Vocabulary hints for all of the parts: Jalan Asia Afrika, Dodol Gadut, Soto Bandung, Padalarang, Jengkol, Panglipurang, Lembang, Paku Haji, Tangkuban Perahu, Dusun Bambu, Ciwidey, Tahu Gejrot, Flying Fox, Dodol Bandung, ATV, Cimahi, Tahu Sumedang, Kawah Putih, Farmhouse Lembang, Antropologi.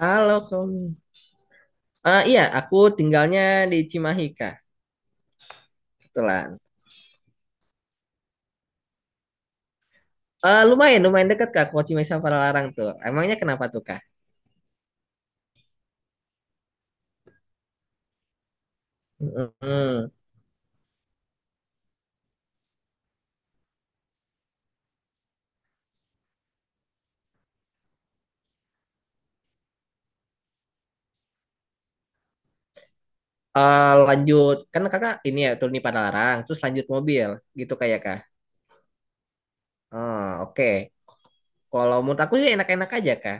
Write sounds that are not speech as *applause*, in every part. Halo, kamu. Eh iya, aku tinggalnya di Cimahi, Kak. Kebetulan. Eh lumayan, lumayan dekat, Kak. Kalau Cimahi sama Padalarang tuh. Emangnya kenapa tuh, Kak? Mm-mm. Eh, lanjut. Kan Kakak ini ya, turun di Padalarang. Terus lanjut mobil. Gitu kayak, Kak. Oh, oke. Kalau menurut aku sih enak-enak aja, Kak.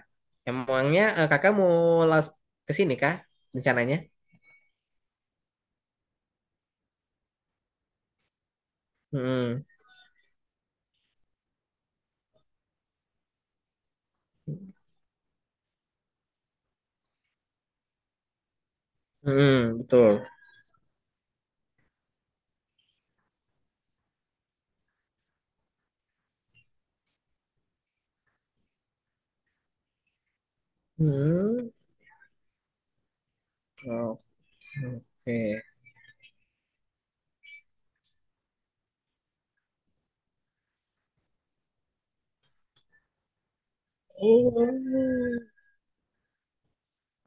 Emangnya Kakak mau las- ke sini, Kak? Rencananya? Mm-mm. Mm-mm, betul. Hmm. Oke. Oh.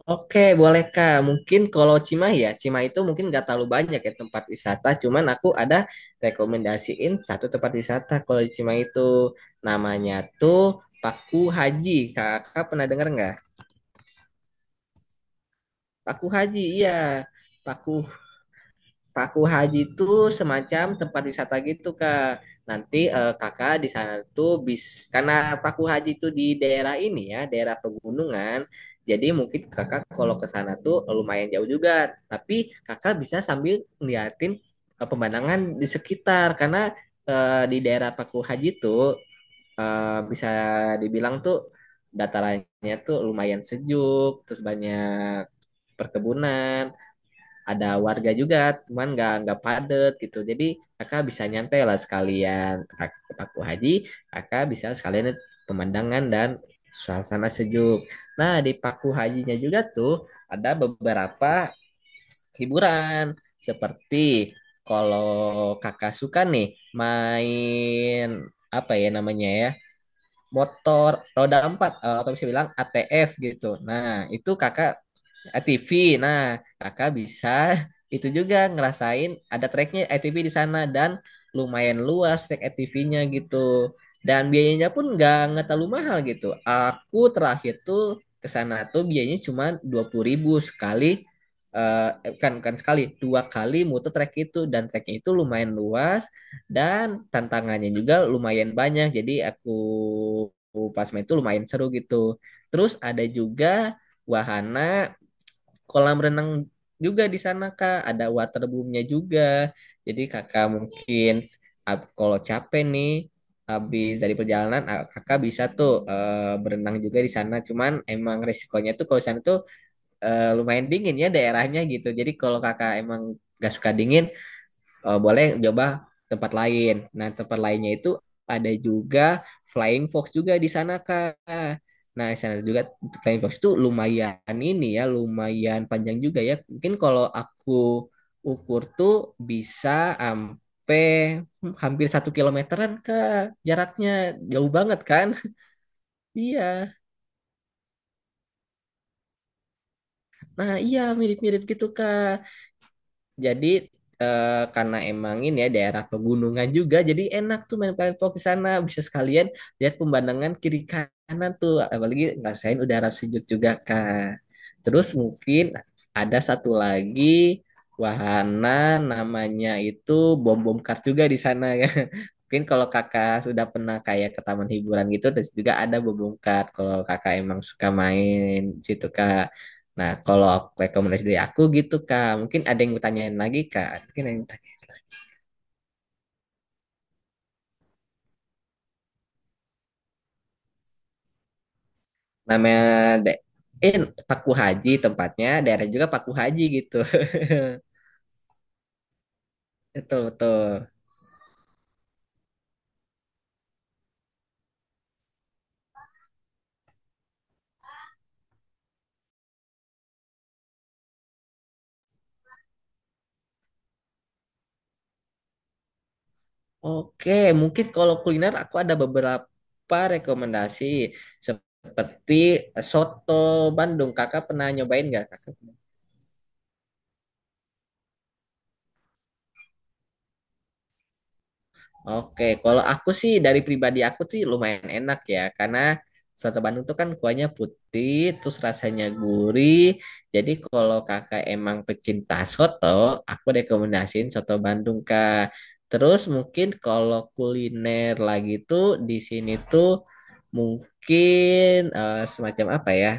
Oke, boleh Kak. Mungkin kalau Cimahi ya, Cimahi itu mungkin nggak terlalu banyak ya tempat wisata. Cuman aku ada rekomendasiin satu tempat wisata kalau di Cimahi itu. Namanya tuh Paku Haji. Kakak pernah dengar nggak? Paku Haji, iya. Paku Paku Haji itu semacam tempat wisata gitu Kak. Nanti Kakak di sana tuh bis karena Paku Haji itu di daerah ini ya, daerah pegunungan. Jadi mungkin Kakak kalau ke sana tuh lumayan jauh juga. Tapi Kakak bisa sambil ngeliatin pemandangan di sekitar karena di daerah Paku Haji tuh bisa dibilang tuh datarannya tuh lumayan sejuk, terus banyak perkebunan ada warga juga, cuman nggak padet gitu. Jadi kakak bisa nyantai lah sekalian ke Paku Haji, kakak bisa sekalian lihat pemandangan dan suasana sejuk. Nah, di Paku Hajinya juga tuh ada beberapa hiburan seperti kalau kakak suka nih main apa ya namanya ya motor roda empat atau bisa bilang ATF gitu. Nah itu kakak ATV. Nah, kakak bisa *laughs* itu juga ngerasain ada treknya ATV di sana dan lumayan luas trek ATV-nya gitu. Dan biayanya pun nggak terlalu mahal gitu. Aku terakhir tuh ke sana tuh biayanya cuma 20.000 sekali kan kan sekali dua kali muter trek itu dan treknya itu lumayan luas dan tantangannya juga lumayan banyak. Jadi aku pas main itu lumayan seru gitu. Terus ada juga wahana kolam renang juga di sana Kak, ada waterboomnya juga. Jadi Kakak mungkin kalau capek nih habis dari perjalanan Kakak bisa tuh berenang juga di sana. Cuman emang resikonya tuh kalau di sana tuh lumayan dingin ya daerahnya gitu. Jadi kalau Kakak emang gak suka dingin, boleh coba tempat lain. Nah, tempat lainnya itu ada juga Flying Fox juga di sana, Kak. Nah, di sana juga Flying Fox itu lumayan ini ya, lumayan panjang juga ya. Mungkin kalau aku ukur tuh bisa sampai hampir satu kilometeran, Kak. Jaraknya jauh banget kan? *laughs* Iya. Nah, iya mirip-mirip gitu, Kak. Jadi karena emang ini ya daerah pegunungan juga, jadi enak tuh main paintball di sana. Bisa sekalian lihat pemandangan kiri kanan tuh, apalagi ngerasain udara sejuk juga Kak. Terus mungkin ada satu lagi wahana namanya itu bom bom kar juga di sana *laughs* ya. Mungkin kalau kakak sudah pernah kayak ke taman hiburan gitu, terus juga ada bom bom kar kalau kakak emang suka main di situ Kak. Nah, kalau rekomendasi dari aku gitu, Kak. Mungkin ada yang mau tanyain lagi, Kak. Mungkin ada yang namanya da- eh Paku Haji tempatnya, daerah juga Paku Haji gitu. *laughs* Betul, betul. Oke, mungkin kalau kuliner aku ada beberapa rekomendasi seperti soto Bandung. Kakak pernah nyobain nggak, Kak? Oke, kalau aku sih dari pribadi aku sih lumayan enak ya, karena soto Bandung tuh kan kuahnya putih, terus rasanya gurih. Jadi kalau kakak emang pecinta soto, aku rekomendasiin soto Bandung kak. Terus mungkin kalau kuliner lagi tuh di sini tuh mungkin semacam apa ya?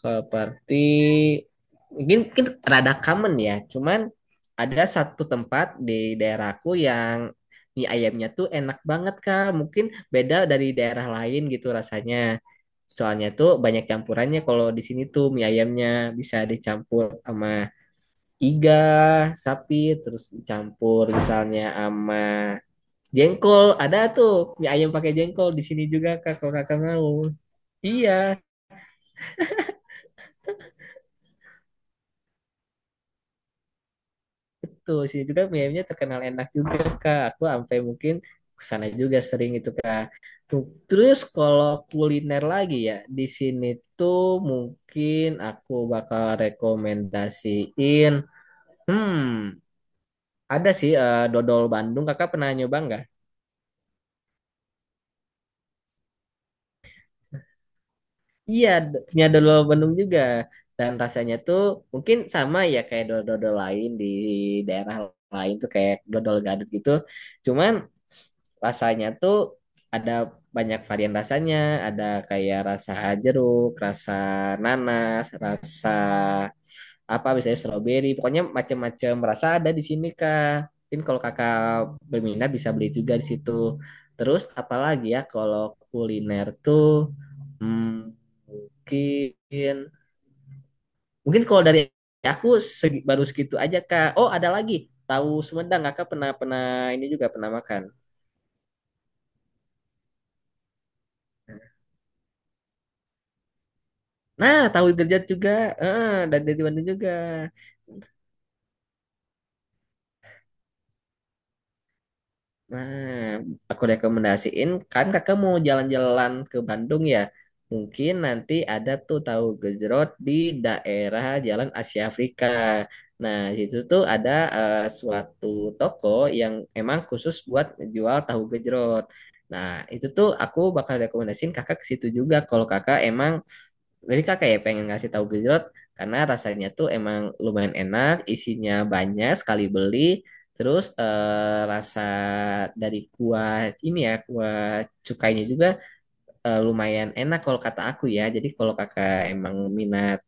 Seperti mungkin, mungkin rada common ya, cuman ada satu tempat di daerahku yang mie ayamnya tuh enak banget Kak. Mungkin beda dari daerah lain gitu rasanya. Soalnya tuh banyak campurannya kalau di sini tuh mie ayamnya bisa dicampur sama iga, sapi, terus dicampur misalnya sama jengkol. Ada tuh mie ayam pakai jengkol di sini juga Kak kalau Kakak mau. Iya. Tuh, sih juga mie-nya terkenal enak juga, Kak. Aku sampai mungkin kesana juga sering itu, Kak. Tuh. Terus kalau kuliner lagi ya, di sini tuh mungkin aku bakal rekomendasiin, hmm, ada sih dodol Bandung. Kakak pernah nyoba nggak? Iya, punya dodol Bandung juga. Dan rasanya tuh mungkin sama ya kayak dodol-dodol lain di daerah lain tuh kayak dodol gadut gitu. Cuman rasanya tuh ada banyak varian rasanya, ada kayak rasa jeruk, rasa nanas, rasa apa misalnya stroberi, pokoknya macam-macam rasa ada di sini Kak. Mungkin kalau Kakak berminat bisa beli juga di situ. Terus apalagi ya kalau kuliner tuh hmm, mungkin mungkin kalau dari aku baru segitu aja Kak. Oh, ada lagi. Tahu Sumedang, Kakak pernah pernah ini juga pernah makan. Nah, tahu derajat juga. Eh, dan dari Bandung juga. Nah, aku rekomendasiin kan kakak mau jalan-jalan ke Bandung ya. Mungkin nanti ada tuh tahu gejrot di daerah Jalan Asia Afrika. Nah, di situ tuh ada suatu toko yang emang khusus buat jual tahu gejrot. Nah, itu tuh aku bakal rekomendasiin kakak ke situ juga kalau kakak emang. Jadi kakak ya pengen ngasih tahu gejrot karena rasanya tuh emang lumayan enak, isinya banyak sekali beli. Terus rasa dari kuah ini ya, kuah cukainya juga lumayan enak kalau kata aku ya. Jadi kalau kakak emang minat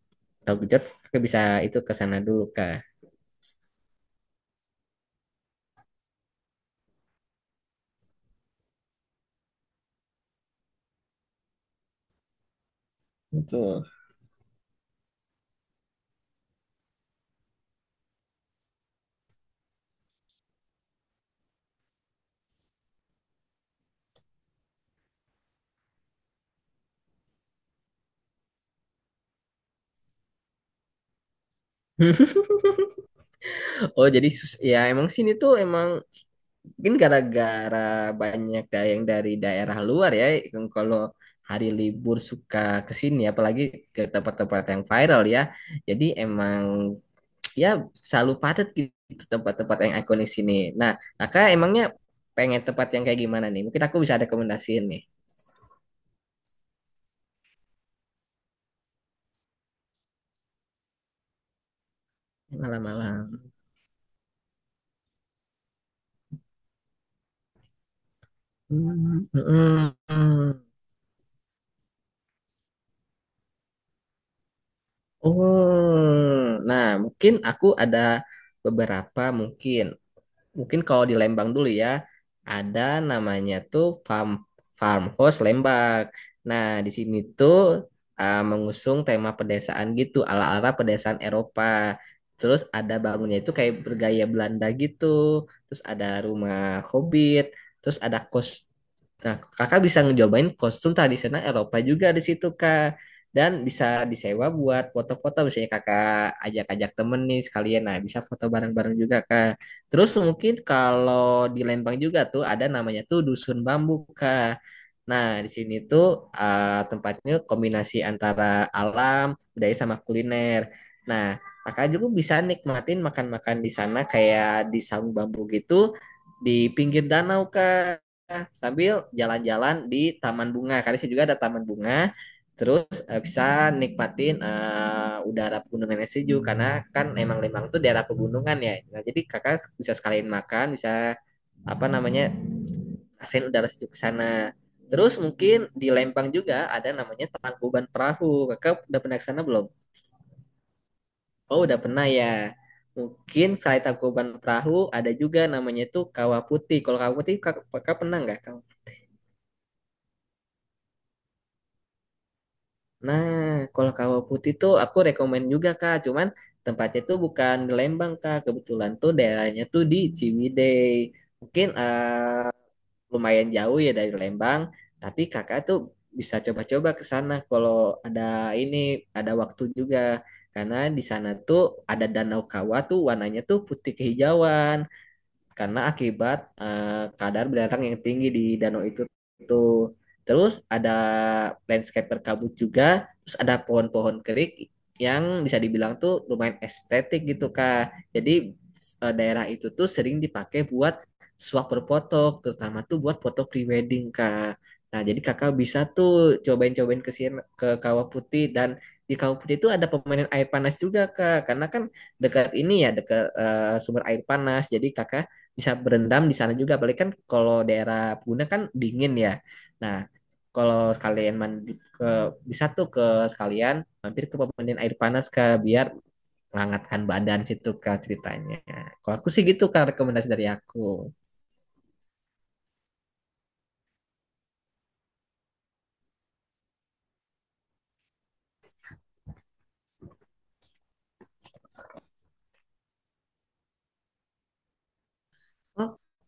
tahu gejrot, kakak bisa itu ke sana dulu kak. Betul. *laughs* Oh, jadi sus ya emang sini tuh emang mungkin gara-gara banyak yang dari daerah luar ya, yang kalau hari libur suka ke sini, apalagi ke tempat-tempat yang viral ya. Jadi emang *tsk* ya selalu padat gitu tempat-tempat yang ikonik sini. Nah, kakak emangnya pengen tempat yang kayak gimana nih? Mungkin aku bisa rekomendasiin nih. Malam-malam. Hmm, hmm, hmm. Oh, nah mungkin aku ada beberapa mungkin. Mungkin kalau di Lembang dulu ya, ada namanya tuh farmhouse Lembang. Nah, di sini tuh mengusung tema pedesaan gitu, ala-ala pedesaan Eropa. Terus ada bangunnya itu kayak bergaya Belanda gitu. Terus ada rumah hobbit, terus ada kos. Nah, kakak bisa ngejobain kostum tradisional Eropa juga di situ, Kak. Dan bisa disewa buat foto-foto, misalnya kakak ajak-ajak temen nih sekalian. Nah, bisa foto bareng-bareng juga, Kak. Terus mungkin kalau di Lembang juga tuh ada namanya tuh Dusun Bambu, Kak. Nah, di sini tuh tempatnya kombinasi antara alam, budaya sama kuliner. Nah, kakak juga bisa nikmatin makan-makan di sana kayak di saung bambu gitu di pinggir danau, Kak, sambil jalan-jalan di taman bunga. Karena sih juga ada taman bunga. Terus bisa nikmatin udara pegunungannya sejuk karena kan emang Lembang tuh daerah pegunungan ya. Nah, jadi kakak bisa sekalian makan, bisa apa namanya asin udara sejuk ke sana. Terus mungkin di Lembang juga ada namanya Tangkuban Perahu. Kakak udah pernah ke sana belum? Oh, udah pernah ya. Mungkin selain Tangkuban Perahu ada juga namanya tuh Kawah Putih. Kalau Kawah Putih kakak, kakak pernah nggak? Nah, kalau kawah putih tuh aku rekomen juga Kak, cuman tempatnya tuh bukan di Lembang Kak, kebetulan tuh daerahnya tuh di Ciwidey. Mungkin lumayan jauh ya dari Lembang, tapi Kakak tuh bisa coba-coba ke sana kalau ada ini ada waktu juga. Karena di sana tuh ada danau kawah tuh warnanya tuh putih kehijauan karena akibat kadar belerang yang tinggi di danau itu tuh. Terus ada landscape berkabut juga, terus ada pohon-pohon kering yang bisa dibilang tuh lumayan estetik gitu Kak. Jadi daerah itu tuh sering dipakai buat swap berfoto, terutama tuh buat foto prewedding Kak. Nah, jadi Kakak bisa tuh cobain-cobain ke sini ke Kawah Putih dan di Kawah Putih itu ada permainan air panas juga Kak. Karena kan dekat ini ya dekat sumber air panas. Jadi Kakak bisa berendam di sana juga. Apalagi kan kalau daerah Puna kan dingin ya. Nah, kalau kalian mandi ke bisa tuh ke sekalian mampir ke pemandian air panas ke biar menghangatkan badan situ kak ceritanya. Kalau aku sih gitu kak rekomendasi dari aku.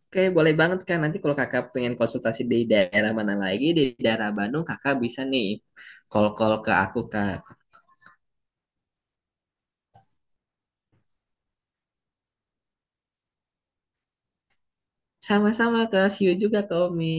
Oke, boleh banget kan. Nanti kalau kakak pengen konsultasi di daerah mana lagi, di daerah Bandung, kakak bisa nih call-call ke aku, Kak. Sama-sama, Kak. See you juga, Kak Omi.